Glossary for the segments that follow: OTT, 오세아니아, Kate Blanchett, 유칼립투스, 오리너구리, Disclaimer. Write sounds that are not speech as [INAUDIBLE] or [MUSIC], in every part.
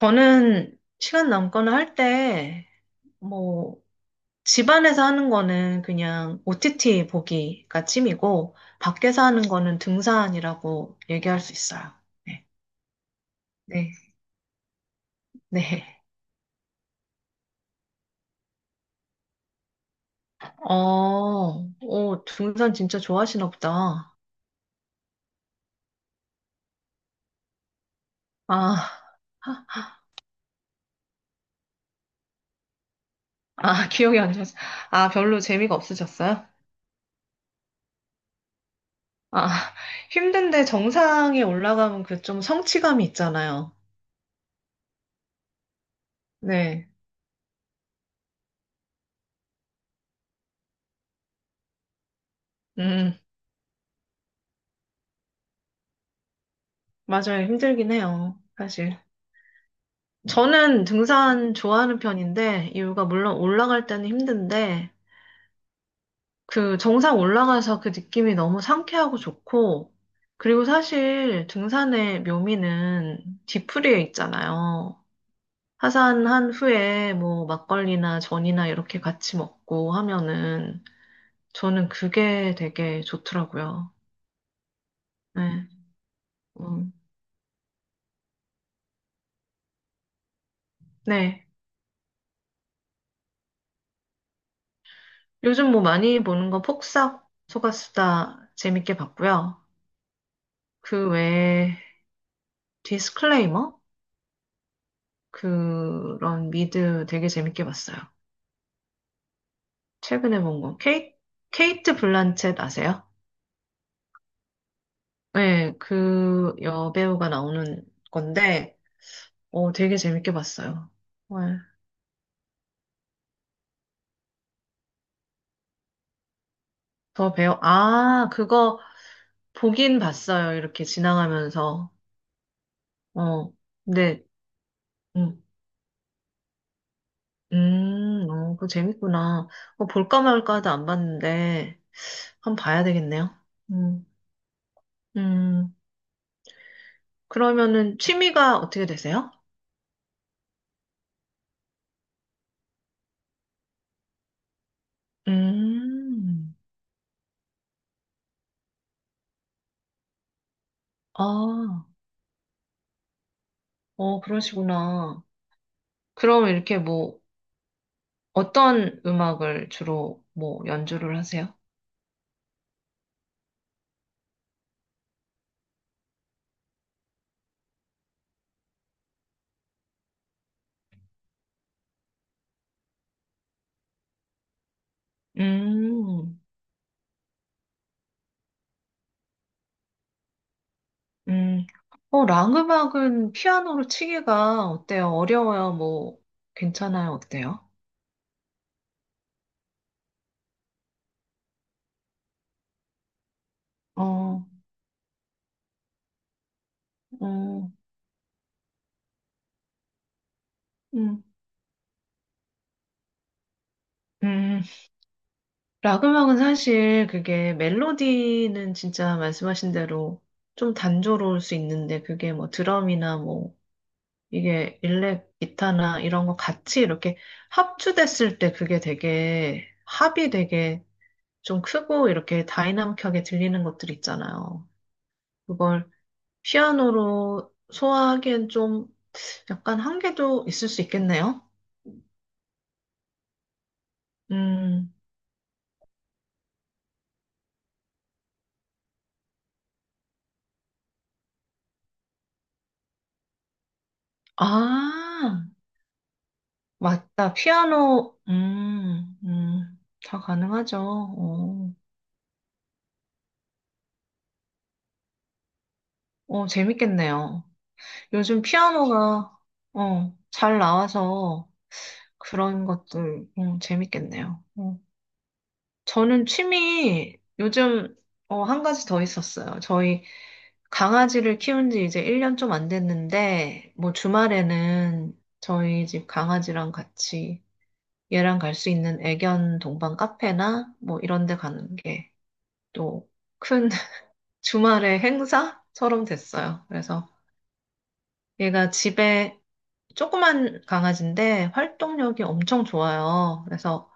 저는 시간 남거나 할 때, 뭐, 집안에서 하는 거는 그냥 OTT 보기가 취미고, 밖에서 하는 거는 등산이라고 얘기할 수 있어요. 네, 네, 네. 오, 등산 진짜 좋아하시나 보다. 아, 아, 기억이 안 나서. 아, 별로 재미가 없으셨어요? 아, 힘든데 정상에 올라가면 그 좀 성취감이 있잖아요. 네, 음, 맞아요. 힘들긴 해요, 사실. 저는 등산 좋아하는 편인데, 이유가 물론 올라갈 때는 힘든데, 그 정상 올라가서 그 느낌이 너무 상쾌하고 좋고, 그리고 사실 등산의 묘미는 뒤풀이에 있잖아요. 하산한 후에 뭐 막걸리나 전이나 이렇게 같이 먹고 하면은 저는 그게 되게 좋더라고요. 네. 음. 네. 요즘 뭐 많이 보는 건 폭삭 소가수다 재밌게 봤고요. 그 외에 디스클레이머? 그런 미드 되게 재밌게 봤어요. 최근에 본 거. 케이, 케이트 블란쳇 아세요? 네, 그 여배우가 나오는 건데, 되게 재밌게 봤어요. 정더배우 아, 그거 보긴 봤어요. 이렇게 지나가면서. 어, 근데, 음, 어, 그거 재밌구나. 어, 볼까 말까 하다 안 봤는데, 한번 봐야 되겠네요. 음, 음, 그러면은 취미가 어떻게 되세요? 음, 아, 어, 그러시구나. 그럼 이렇게 뭐, 어떤 음악을 주로 뭐 연주를 하세요? 음, 음, 어, 랑 음악은 피아노로 치기가 어때요? 어려워요? 뭐, 괜찮아요? 어때요? 어, 어, 음, 음, 락 음악은 사실 그게 멜로디는 진짜 말씀하신 대로 좀 단조로울 수 있는데 그게 뭐 드럼이나 뭐 이게 일렉 기타나 이런 거 같이 이렇게 합주됐을 때 그게 되게 합이 되게 좀 크고 이렇게 다이나믹하게 들리는 것들 있잖아요. 그걸 피아노로 소화하기엔 좀 약간 한계도 있을 수 있겠네요. 음, 아, 맞다. 피아노, 다 가능하죠. 어, 어, 재밌겠네요. 요즘 피아노가, 잘 나와서 그런 것들, 재밌겠네요. 어. 저는 취미, 요즘, 한 가지 더 있었어요. 저희 강아지를 키운 지 이제 1년 좀 안 됐는데, 뭐 주말에는 저희 집 강아지랑 같이 얘랑 갈 수 있는 애견 동반 카페나 뭐 이런 데 가는 게 또 큰 [LAUGHS] 주말의 행사처럼 됐어요. 그래서 얘가 집에 조그만 강아지인데 활동력이 엄청 좋아요. 그래서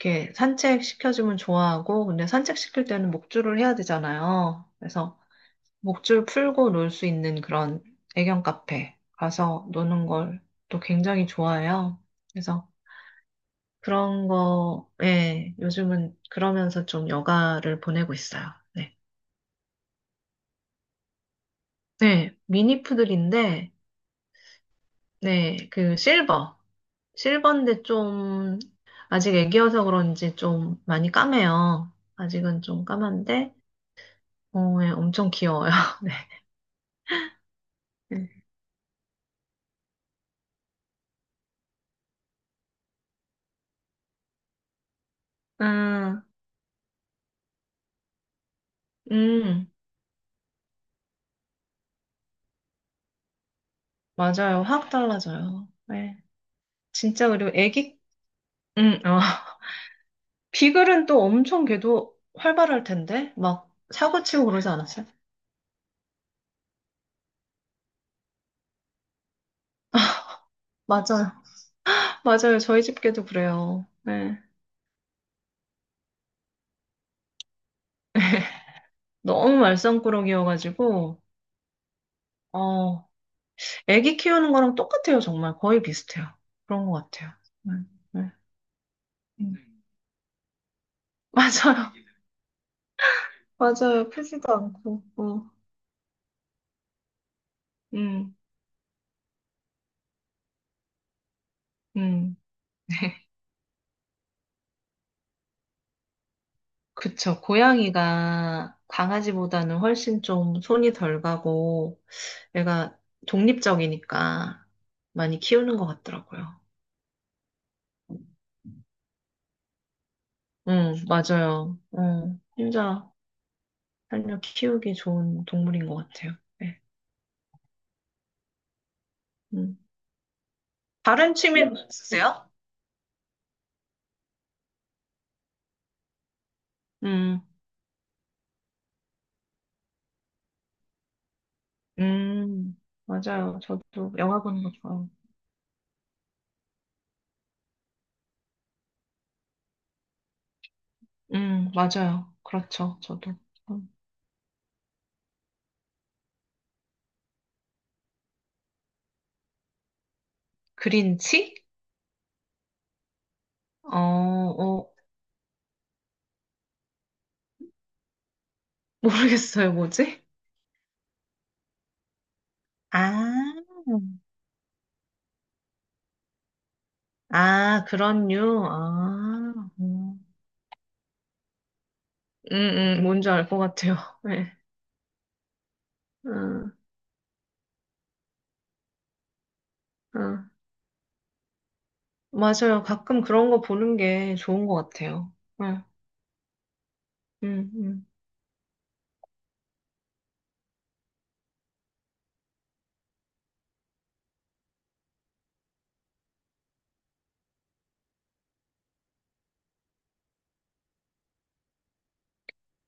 이렇게 산책 시켜주면 좋아하고, 근데 산책 시킬 때는 목줄을 해야 되잖아요. 그래서 목줄 풀고 놀 수 있는 그런 애견 카페 가서 노는 걸 또 굉장히 좋아해요. 그래서 그런 거, 예, 요즘은 그러면서 좀 여가를 보내고 있어요. 네. 네, 미니푸들인데, 네, 그 실버. 실버인데 좀, 아직 애기여서 그런지 좀 많이 까매요. 아직은 좀 까만데, 어, 예, 엄청 귀여워요. [LAUGHS] 네. 음, 음, 음, 맞아요. 확 달라져요. 네. 진짜, 그리고 애기, 어. [LAUGHS] 비글은 또 엄청 걔도 활발할 텐데, 막 사고치고 그러지 않았어요? 맞아요. [LAUGHS] 맞아요. 저희 집 개도 그래요. 네. 너무 말썽꾸러기여가지고, 어, 애기 키우는 거랑 똑같아요, 정말. 거의 비슷해요. 그런 것 같아요. 네, 네. 음. 맞아요. [LAUGHS] 맞아요. 크지도 않고. 어. 음, 음. [LAUGHS] 그쵸. 고양이가 강아지보다는 훨씬 좀 손이 덜 가고, 얘가 독립적이니까 많이 키우는 것 같더라고요. 맞아요. 혼자 살려 키우기 좋은 동물인 것 같아요. 네. 음. 다른 취미 있으세요? 음. 음, 맞아요. 저도 영화 보는 거 좋아요. 맞아요. 그렇죠. 저도. 음, 그린치? 어, 어, 모르겠어요. 뭐지? 아, 아, 그런 류. 아, 음, 뭔지 알 것 같아요. [LAUGHS] 네. 음, 음. 맞아요. 가끔 그런 거 보는 게 좋은 것 같아요. 네. 음, 음.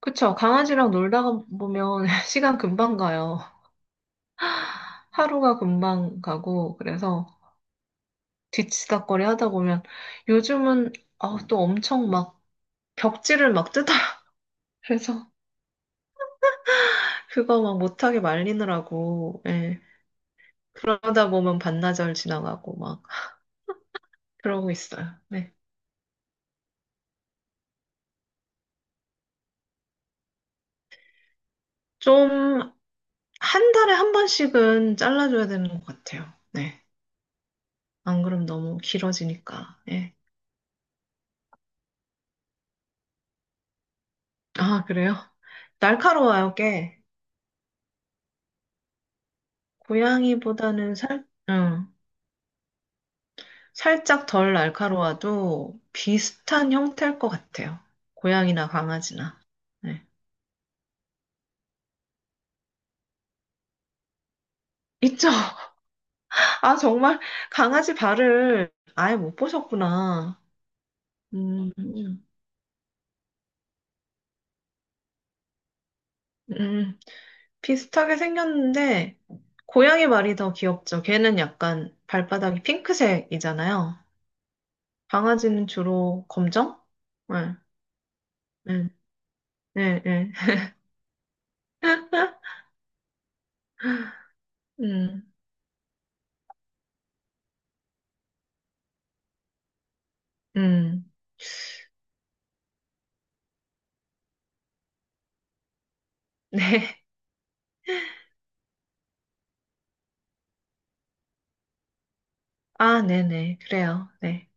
그쵸. 강아지랑 놀다가 보면 [LAUGHS] 시간 금방 가요. 하루가 금방 가고, 그래서. 뒤치다꺼리 하다 보면 요즘은 아, 또 엄청 막 벽지를 막 뜯어요. [LAUGHS] 그래서 그거 막 못하게 말리느라고 예. 그러다 보면 반나절 지나가고 막 그러고 있어요. 네. 좀 한 달에 한 번씩은 잘라줘야 되는 것 같아요. 네. 안 그럼 너무 길어지니까. 예. 아, 그래요? 날카로워요, 꽤. 고양이보다는 살, 응. 살짝 덜 날카로워도 비슷한 형태일 것 같아요. 고양이나 강아지나. 네. 있죠? [LAUGHS] 아, 정말 강아지 발을 아예 못 보셨구나. 음, 음, 음. 비슷하게 생겼는데, 고양이 발이 더 귀엽죠. 걔는 약간 발바닥이 핑크색이잖아요. 강아지는 주로 검정? 네, 네, 네, 네. 음, 음. 네. 아, 네네. 그래요. 네.